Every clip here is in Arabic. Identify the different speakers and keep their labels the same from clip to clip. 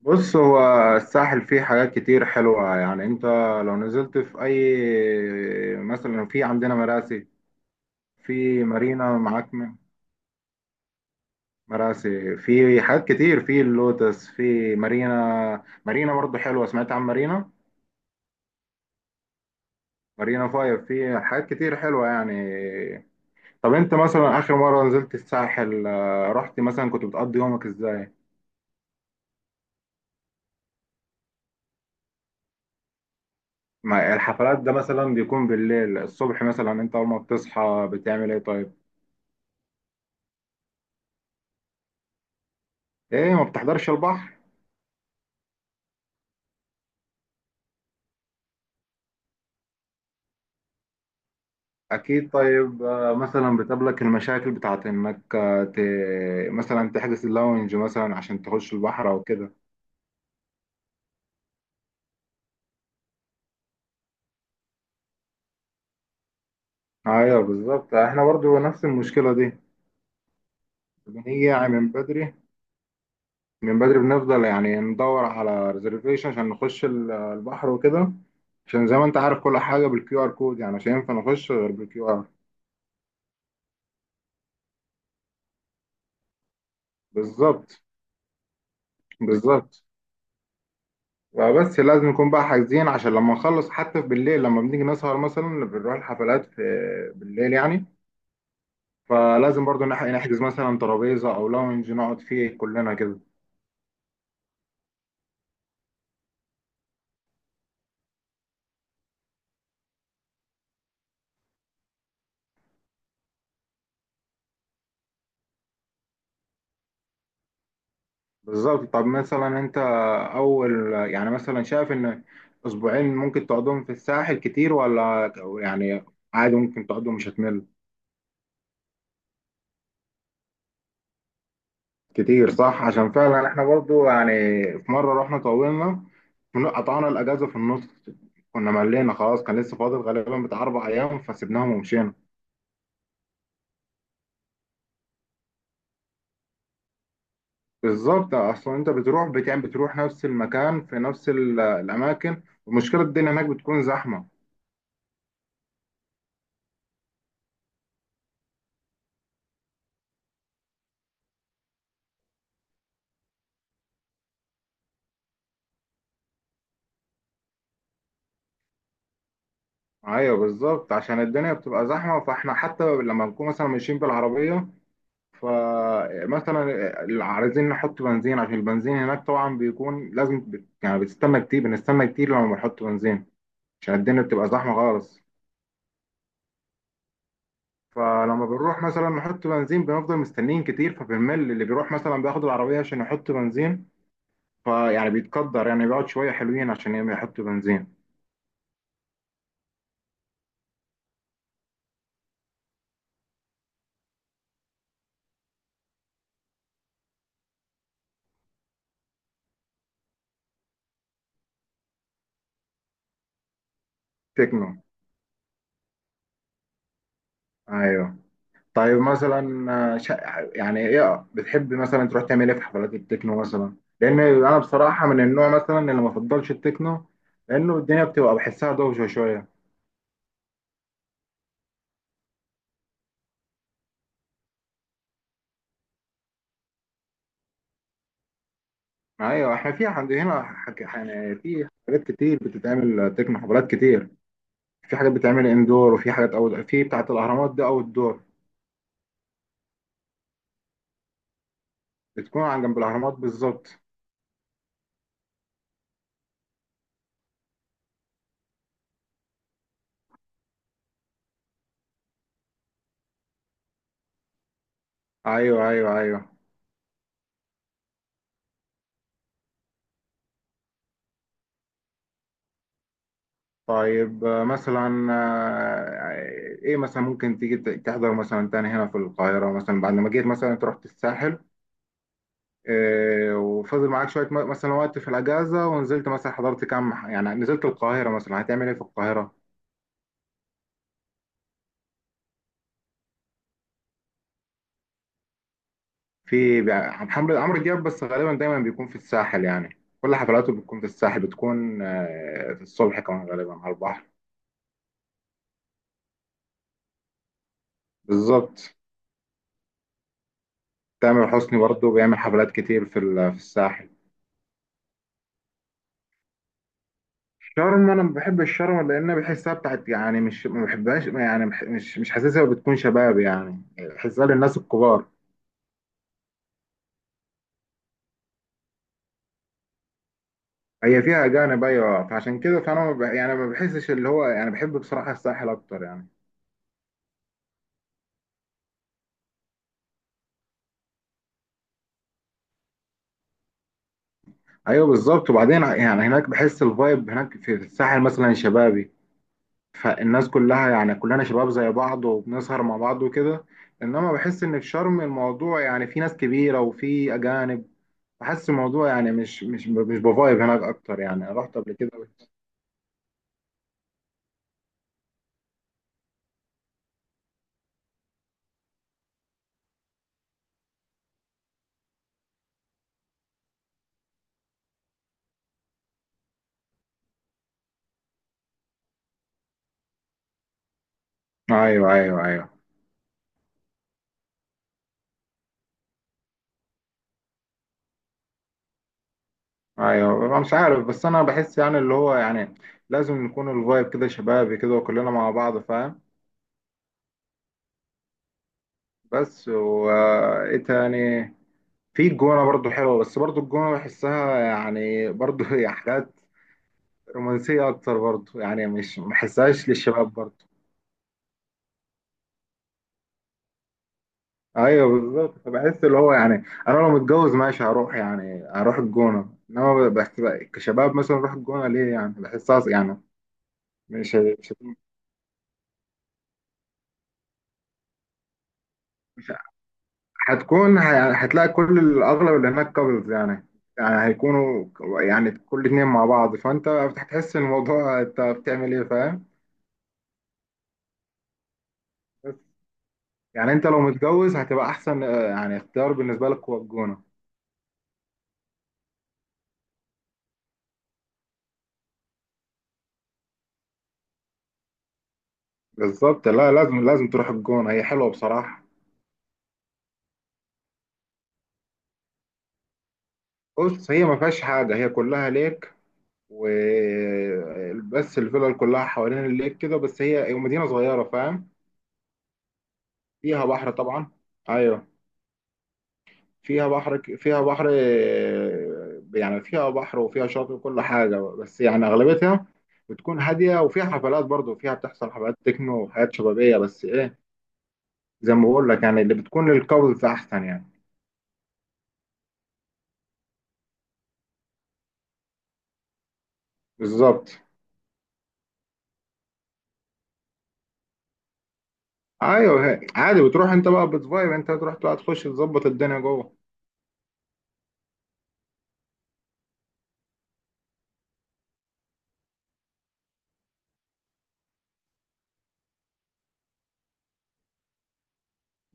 Speaker 1: بص، هو الساحل فيه حاجات كتير حلوة يعني. انت لو نزلت في اي، مثلا في عندنا مراسي، في مارينا معاك من مراسي، في حاجات كتير، في اللوتس، في مارينا، مارينا برضو حلوة. سمعت عن مارينا؟ مارينا فايف، في حاجات كتير حلوة يعني. طب انت مثلا اخر مرة نزلت الساحل، رحت مثلا، كنت بتقضي يومك ازاي؟ ما الحفلات ده مثلا بيكون بالليل. الصبح مثلا، انت اول ما بتصحى بتعمل ايه طيب؟ ايه ما بتحضرش البحر؟ أكيد. طيب مثلا بتقابلك المشاكل بتاعت إنك مثلا تحجز اللونج مثلا عشان تخش البحر أو كده. أيوه بالظبط، إحنا برضو نفس المشكلة دي. بنيجي من بدري، بنفضل يعني ندور على ريزرفيشن عشان نخش البحر وكده. عشان زي ما أنت عارف، كل حاجة بالكيو آر كود، يعني مش هينفع نخش غير بالكيو آر. بالظبط. بالظبط، بس لازم نكون بقى حاجزين، عشان لما نخلص حتى بالليل، لما بنيجي نسهر مثلا بنروح الحفلات في بالليل يعني. فلازم برضو نحجز مثلا ترابيزة أو لاونج نقعد فيه كلنا كده. بالظبط، طب مثلا أنت، أول يعني مثلا شايف إن أسبوعين ممكن تقعدهم في الساحل كتير ولا يعني عادي ممكن تقعدهم مش هتمل؟ كتير صح، عشان فعلا إحنا برضو يعني في مرة رحنا طولنا، قطعنا الأجازة في النص. كنا ملينا خلاص، كان لسه فاضل غالبا بتاع أربع أيام، فسيبناهم ومشينا. بالظبط، اصلا انت بتروح بتعمل، بتروح نفس المكان في نفس الاماكن، ومشكله الدنيا هناك بتكون زحمه. ايوه بالظبط، عشان الدنيا بتبقى زحمه، فاحنا حتى لما نكون مثلا ماشيين بالعربيه، فمثلا عايزين نحط بنزين، عشان البنزين هناك طبعا بيكون لازم يعني بتستنى كتير، بنستنى كتير لما بنحط بنزين، عشان الدنيا بتبقى زحمه خالص. فلما بنروح مثلا نحط بنزين بنفضل مستنيين كتير، فبنمل اللي بيروح مثلا بياخد العربيه عشان يحط بنزين. فيعني بيتقدر يعني بيقعد شوية حلوين عشان يحطوا بنزين. تكنو. ايوه. طيب مثلا يعني ايه، بتحب مثلا تروح تعمل ايه في حفلات التكنو مثلا؟ لان انا بصراحة من النوع مثلا اللي ما بفضلش التكنو، لانه الدنيا بتبقى بحسها دوشة شوية. ايوه احنا في عند هنا يعني في حاجات كتير بتتعمل تكنو، حفلات كتير. في حاجات بتتعمل اندور، وفي حاجات او في بتاعة الاهرامات دي او الدور، بتكون عن جنب الاهرامات بالظبط. ايوه ايوه ايوه. طيب مثلا ايه مثلا ممكن تيجي تحضر مثلا تاني هنا في القاهرة؟ مثلا بعد ما جيت مثلا، انت رحت الساحل وفضل معاك شوية مثلا وقت في الأجازة، ونزلت مثلا، حضرت كام يعني نزلت القاهرة، مثلا هتعمل ايه في القاهرة؟ في عمرو دياب، بس غالبا دايما بيكون في الساحل، يعني كل حفلاته بتكون في الساحل، بتكون في الصبح كمان غالبا على البحر. بالظبط. تامر حسني برضه بيعمل حفلات كتير في في الساحل. شرم انا ما بحب الشرم، لان بحسها بتاعت يعني، مش ما بحبهاش يعني، مش، مش حاسسها بتكون شباب يعني، بحسها للناس الكبار. هي فيها اجانب ايوه، فعشان كده فانا ما يعني ما بحسش اللي هو يعني، بحب بصراحه الساحل اكتر يعني. ايوه بالظبط، وبعدين يعني هناك بحس الفايب هناك في الساحل مثلا شبابي. فالناس كلها يعني كلنا شباب زي بعض وبنسهر مع بعض وكده. انما بحس ان في شرم الموضوع يعني، في ناس كبيره وفي اجانب. بحس الموضوع يعني مش، مش، مش بفايب هناك اكتر يعني، رحت قبل كده. ايوه ايوه ايوه. ايوه أنا مش عارف، بس انا بحس يعني اللي هو يعني لازم نكون الفايب كده شبابي كده وكلنا مع بعض، فاهم. بس، وايه تاني؟ في الجونه برضو حلوه، بس برضو الجونه بحسها يعني برضو هي حاجات رومانسيه اكتر برضو، يعني مش ما بحسهاش للشباب برضو. ايوه بالظبط، فبحس اللي هو يعني انا لو متجوز ماشي هروح، يعني هروح الجونه. انما بس بقى كشباب مثلا اروح الجونه ليه يعني بحسها يعني. مش، مش هتلاقي كل الاغلب اللي هناك كابلز يعني، يعني هيكونوا يعني كل اتنين مع بعض، فانت هتحس ان الموضوع انت بتعمل ايه فاهم. بس يعني انت لو متجوز هتبقى احسن، يعني اختيار بالنسبه لك هو الجونه. بالظبط. لا، لازم لازم تروح الجونه، هي حلوه بصراحه. بص هي ما فيهاش حاجه، هي كلها ليك، و بس الفلل كلها حوالين الليك كده. بس هي، هي مدينه صغيره فاهم. فيها بحر طبعا. ايوه. فيها بحر فيها بحر، يعني فيها بحر وفيها شاطئ وكل حاجة، بس يعني أغلبيتها بتكون هادية. وفيها حفلات برضه، فيها بتحصل حفلات تكنو وحاجات شبابية، بس إيه، زي ما بقول لك يعني اللي بتكون للكابلز أحسن يعني. بالظبط. أيوه عادي، بتروح أنت بقى، بتفايب، أنت تروح بقى تخش تظبط الدنيا جوه.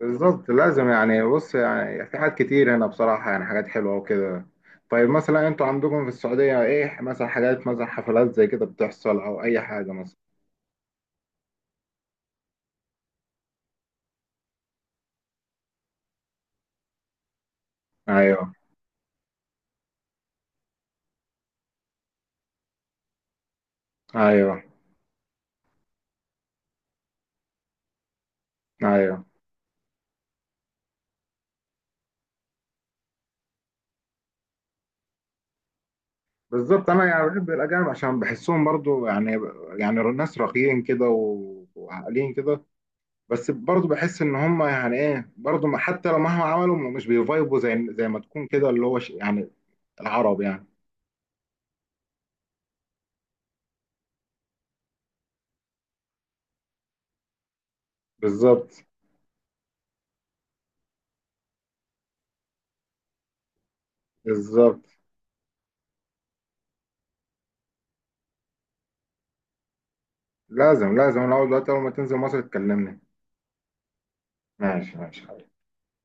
Speaker 1: بالظبط، لازم يعني. بص يعني في حاجات كتير هنا بصراحة يعني، حاجات حلوة وكده. طيب مثلا أنتوا عندكم في السعودية إيه مثلا حاجات، مثلا حفلات زي كده بتحصل أو أي حاجة مثلا؟ أيوه ايوه ايوه. بالظبط، انا يعني بحب الاجانب عشان بحسهم برضو يعني، يعني ناس راقيين كده وعاقلين كده. بس برضو بحس ان هم يعني ايه برضو حتى لو مهما عملوا مش بيفايبوا زي، ما تكون كده اللي هو يعني العرب يعني. بالظبط. بالظبط، لازم لازم. انا اول دلوقتي، اول ما تنزل مصر تكلمني. ماشي ماشي.